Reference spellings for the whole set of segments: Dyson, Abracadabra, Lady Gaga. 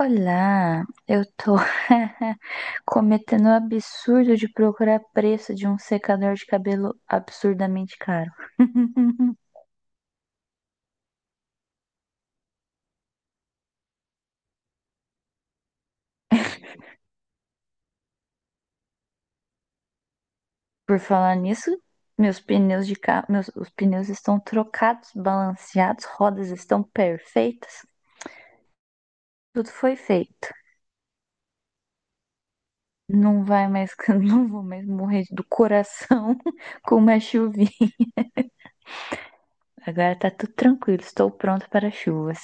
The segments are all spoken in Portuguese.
Olá, eu tô cometendo o absurdo de procurar preço de um secador de cabelo absurdamente caro. Por falar nisso, meus pneus de carro, os pneus estão trocados, balanceados, rodas estão perfeitas, tudo foi feito. Não vai mais, não vou mais morrer do coração com uma chuvinha. Agora tá tudo tranquilo, estou pronta para chuvas.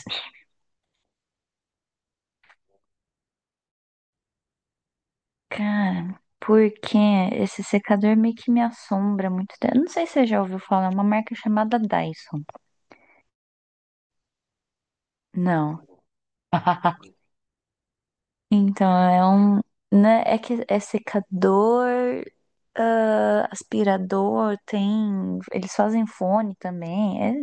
Cara, porque esse secador meio que me assombra há muito tempo. Eu não sei se você já ouviu falar, é uma marca chamada Dyson. Não. Então, é um, né, é que é secador, aspirador, tem, eles fazem fone também,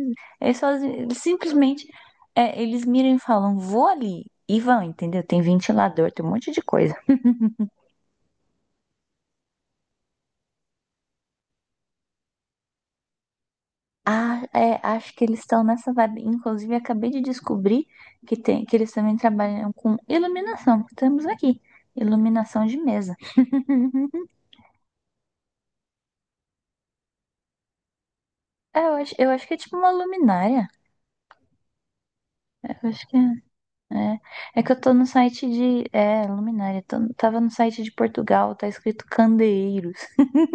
eles fazem, eles miram e falam, vou ali, e vão, entendeu? Tem ventilador, tem um monte de coisa. Ah, é, acho que eles estão nessa vibe. Inclusive, acabei de descobrir que, tem, que eles também trabalham com iluminação, que temos aqui. Iluminação de mesa. É, eu acho que é tipo uma luminária. É, eu acho que é. É, é que eu tô no site de. É, luminária. Tava no site de Portugal, tá escrito candeeiros.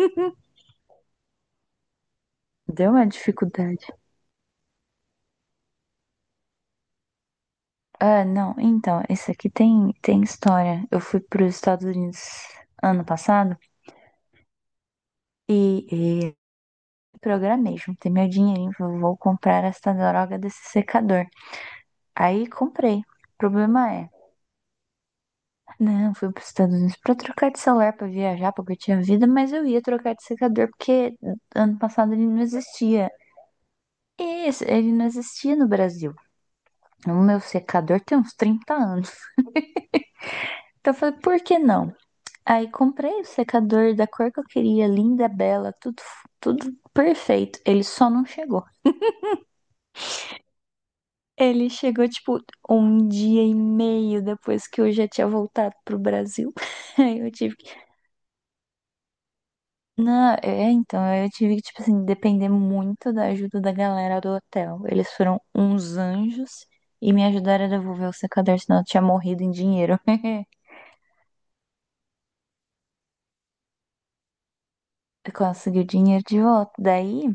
Deu uma dificuldade. Ah, não. Então, esse aqui tem história. Eu fui para os Estados Unidos ano passado e programei, juntei meu dinheirinho, falei, vou comprar essa droga desse secador. Aí comprei. O problema é, não, fui para os Estados Unidos para trocar de celular, para viajar, porque eu tinha vida, mas eu ia trocar de secador porque ano passado ele não existia. E ele não existia no Brasil. O meu secador tem uns 30 anos. Então eu falei, por que não? Aí comprei o secador da cor que eu queria, linda, bela, tudo, tudo perfeito. Ele só não chegou. Ele chegou, tipo, um dia e meio depois que eu já tinha voltado pro Brasil. Aí eu tive que. Não, é, então, eu tive que, tipo assim, depender muito da ajuda da galera do hotel. Eles foram uns anjos e me ajudaram a devolver o secador, senão eu tinha morrido em dinheiro. Eu consegui o dinheiro de volta. Daí,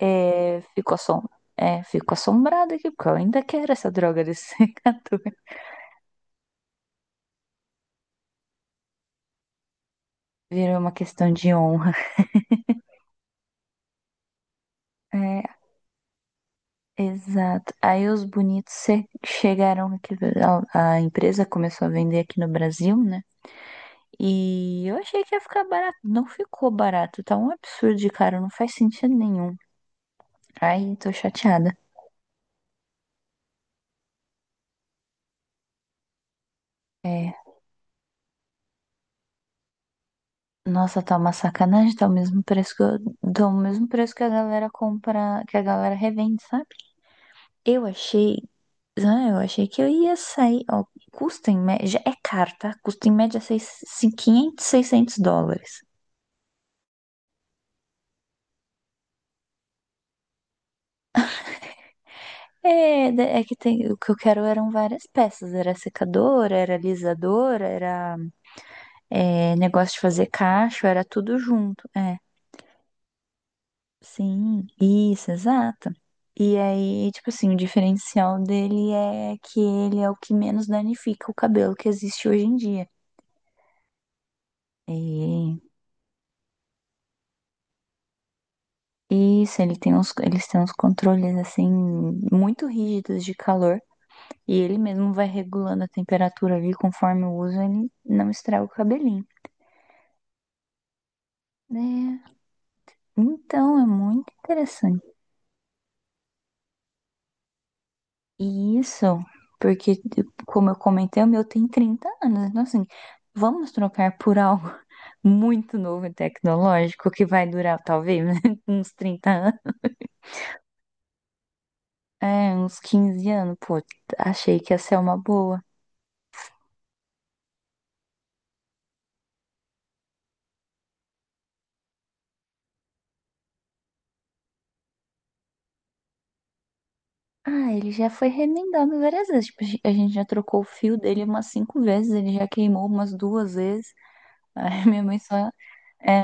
é, fico assombrada aqui, porque eu ainda quero essa droga desse secador. Virou uma questão de honra. É, exato. Aí os bonitos chegaram aqui, a empresa começou a vender aqui no Brasil, né? E eu achei que ia ficar barato. Não ficou barato, tá um absurdo de caro, não faz sentido nenhum. Ai, tô chateada. É, nossa, tá uma sacanagem, tá o mesmo preço que a galera compra, que a galera revende, sabe? Eu achei, eu achei que eu ia sair, ó, custa em média, é caro, tá? Custa em média 500, 600 dólares. É, é que tem, o que eu quero eram várias peças, era secadora, era alisadora, era negócio de fazer cacho, era tudo junto, é, sim, isso, exato. E aí, tipo assim, o diferencial dele é que ele é o que menos danifica o cabelo que existe hoje em dia. E isso, eles têm uns controles assim muito rígidos de calor e ele mesmo vai regulando a temperatura ali conforme o uso, ele não estraga o cabelinho. Né? Então, é muito interessante. E isso, porque, como eu comentei, o meu tem 30 anos. Então, assim, vamos trocar por algo muito novo e tecnológico que vai durar, talvez, uns 30 anos. É, uns 15 anos. Pô, achei que ia ser uma boa. Ah, ele já foi remendado várias vezes. Tipo, a gente já trocou o fio dele umas cinco vezes, ele já queimou umas duas vezes. Aí minha mãe só. É,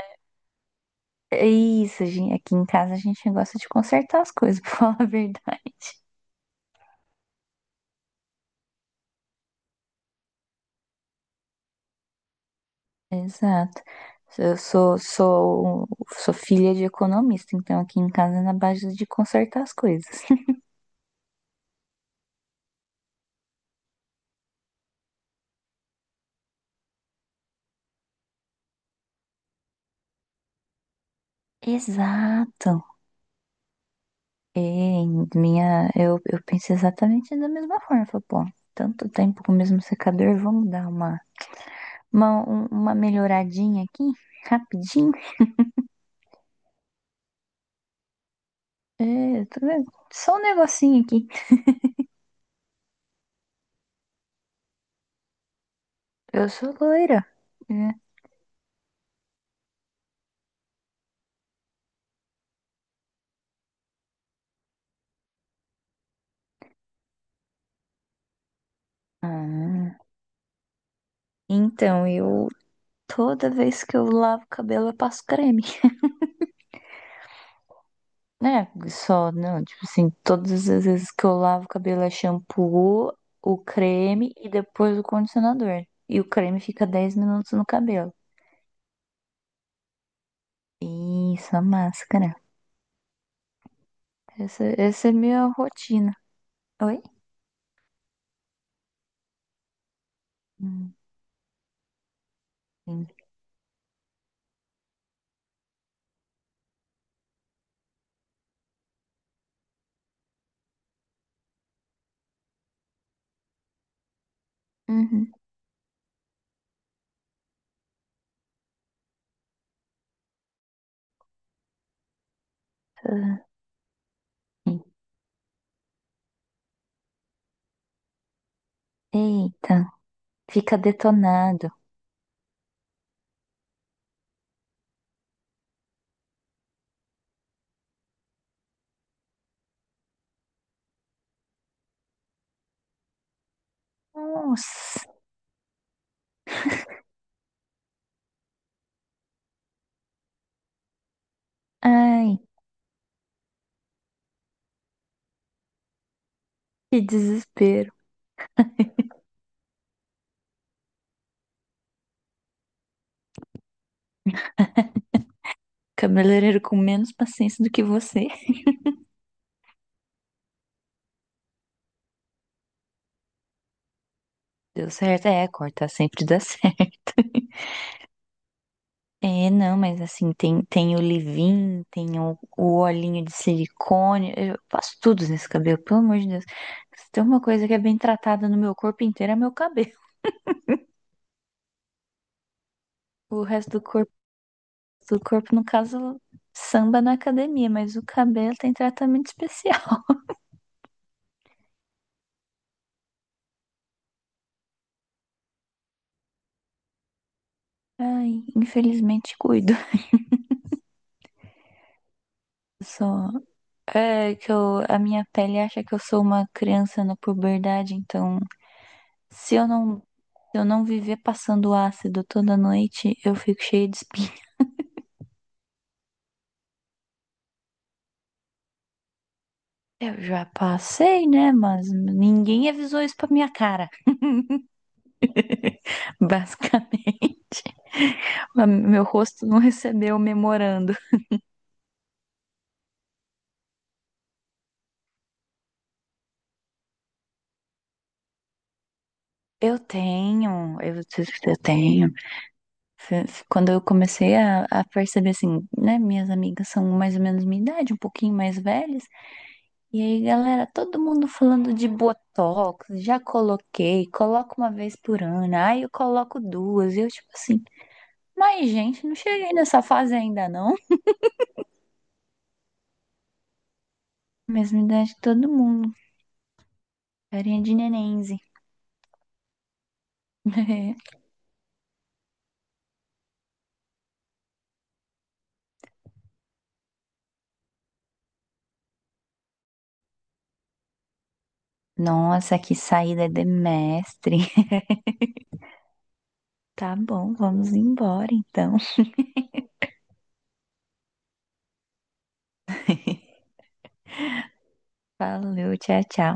é isso, gente. Aqui em casa a gente gosta de consertar as coisas, pra falar a verdade. Exato. Eu sou, sou, um, sou filha de economista, então aqui em casa é na base de consertar as coisas. Exato. E eu penso exatamente da mesma forma. Falei, pô, tanto tempo com o mesmo secador, vamos dar uma, um- uma melhoradinha aqui, rapidinho. É, tá vendo? Só um negocinho aqui. Eu sou loira. Né? Ah, então, eu toda vez que eu lavo o cabelo, eu passo creme. Né? Só, não, tipo assim, todas as vezes que eu lavo o cabelo é shampoo, o creme e depois o condicionador. E o creme fica 10 minutos no cabelo. Isso, a máscara. Essa essa é minha rotina. Oi? Hum, sim. Uhum. Ah, sim. Eita, fica detonado. Nossa, ai, que desespero. Cabeleireiro com menos paciência do que você. Deu certo, é, cortar sempre dá certo. É, não, mas assim, tem o leave-in, tem o olhinho de silicone, eu faço tudo nesse cabelo, pelo amor de Deus. Se tem uma coisa que é bem tratada no meu corpo inteiro, é meu cabelo. O resto do corpo, no caso, samba na academia, mas o cabelo tem tratamento especial. Ai, infelizmente cuido. Só é que eu, a minha pele acha que eu sou uma criança na puberdade, então Se eu não, se eu não viver passando ácido toda noite, eu fico cheia de espinha. Eu já passei, né? Mas ninguém avisou isso pra minha cara. Basicamente. Meu rosto não recebeu o memorando. Eu tenho. Quando eu comecei a perceber, assim, né? Minhas amigas são mais ou menos minha idade, um pouquinho mais velhas. E aí, galera, todo mundo falando de Botox, já coloquei, coloco uma vez por ano, aí eu coloco duas, e eu tipo assim, mas gente, não cheguei nessa fase ainda não. Mesma idade de todo mundo, carinha de nenenze. Nossa, que saída de mestre. Tá bom, vamos embora então. Valeu, tchau, tchau.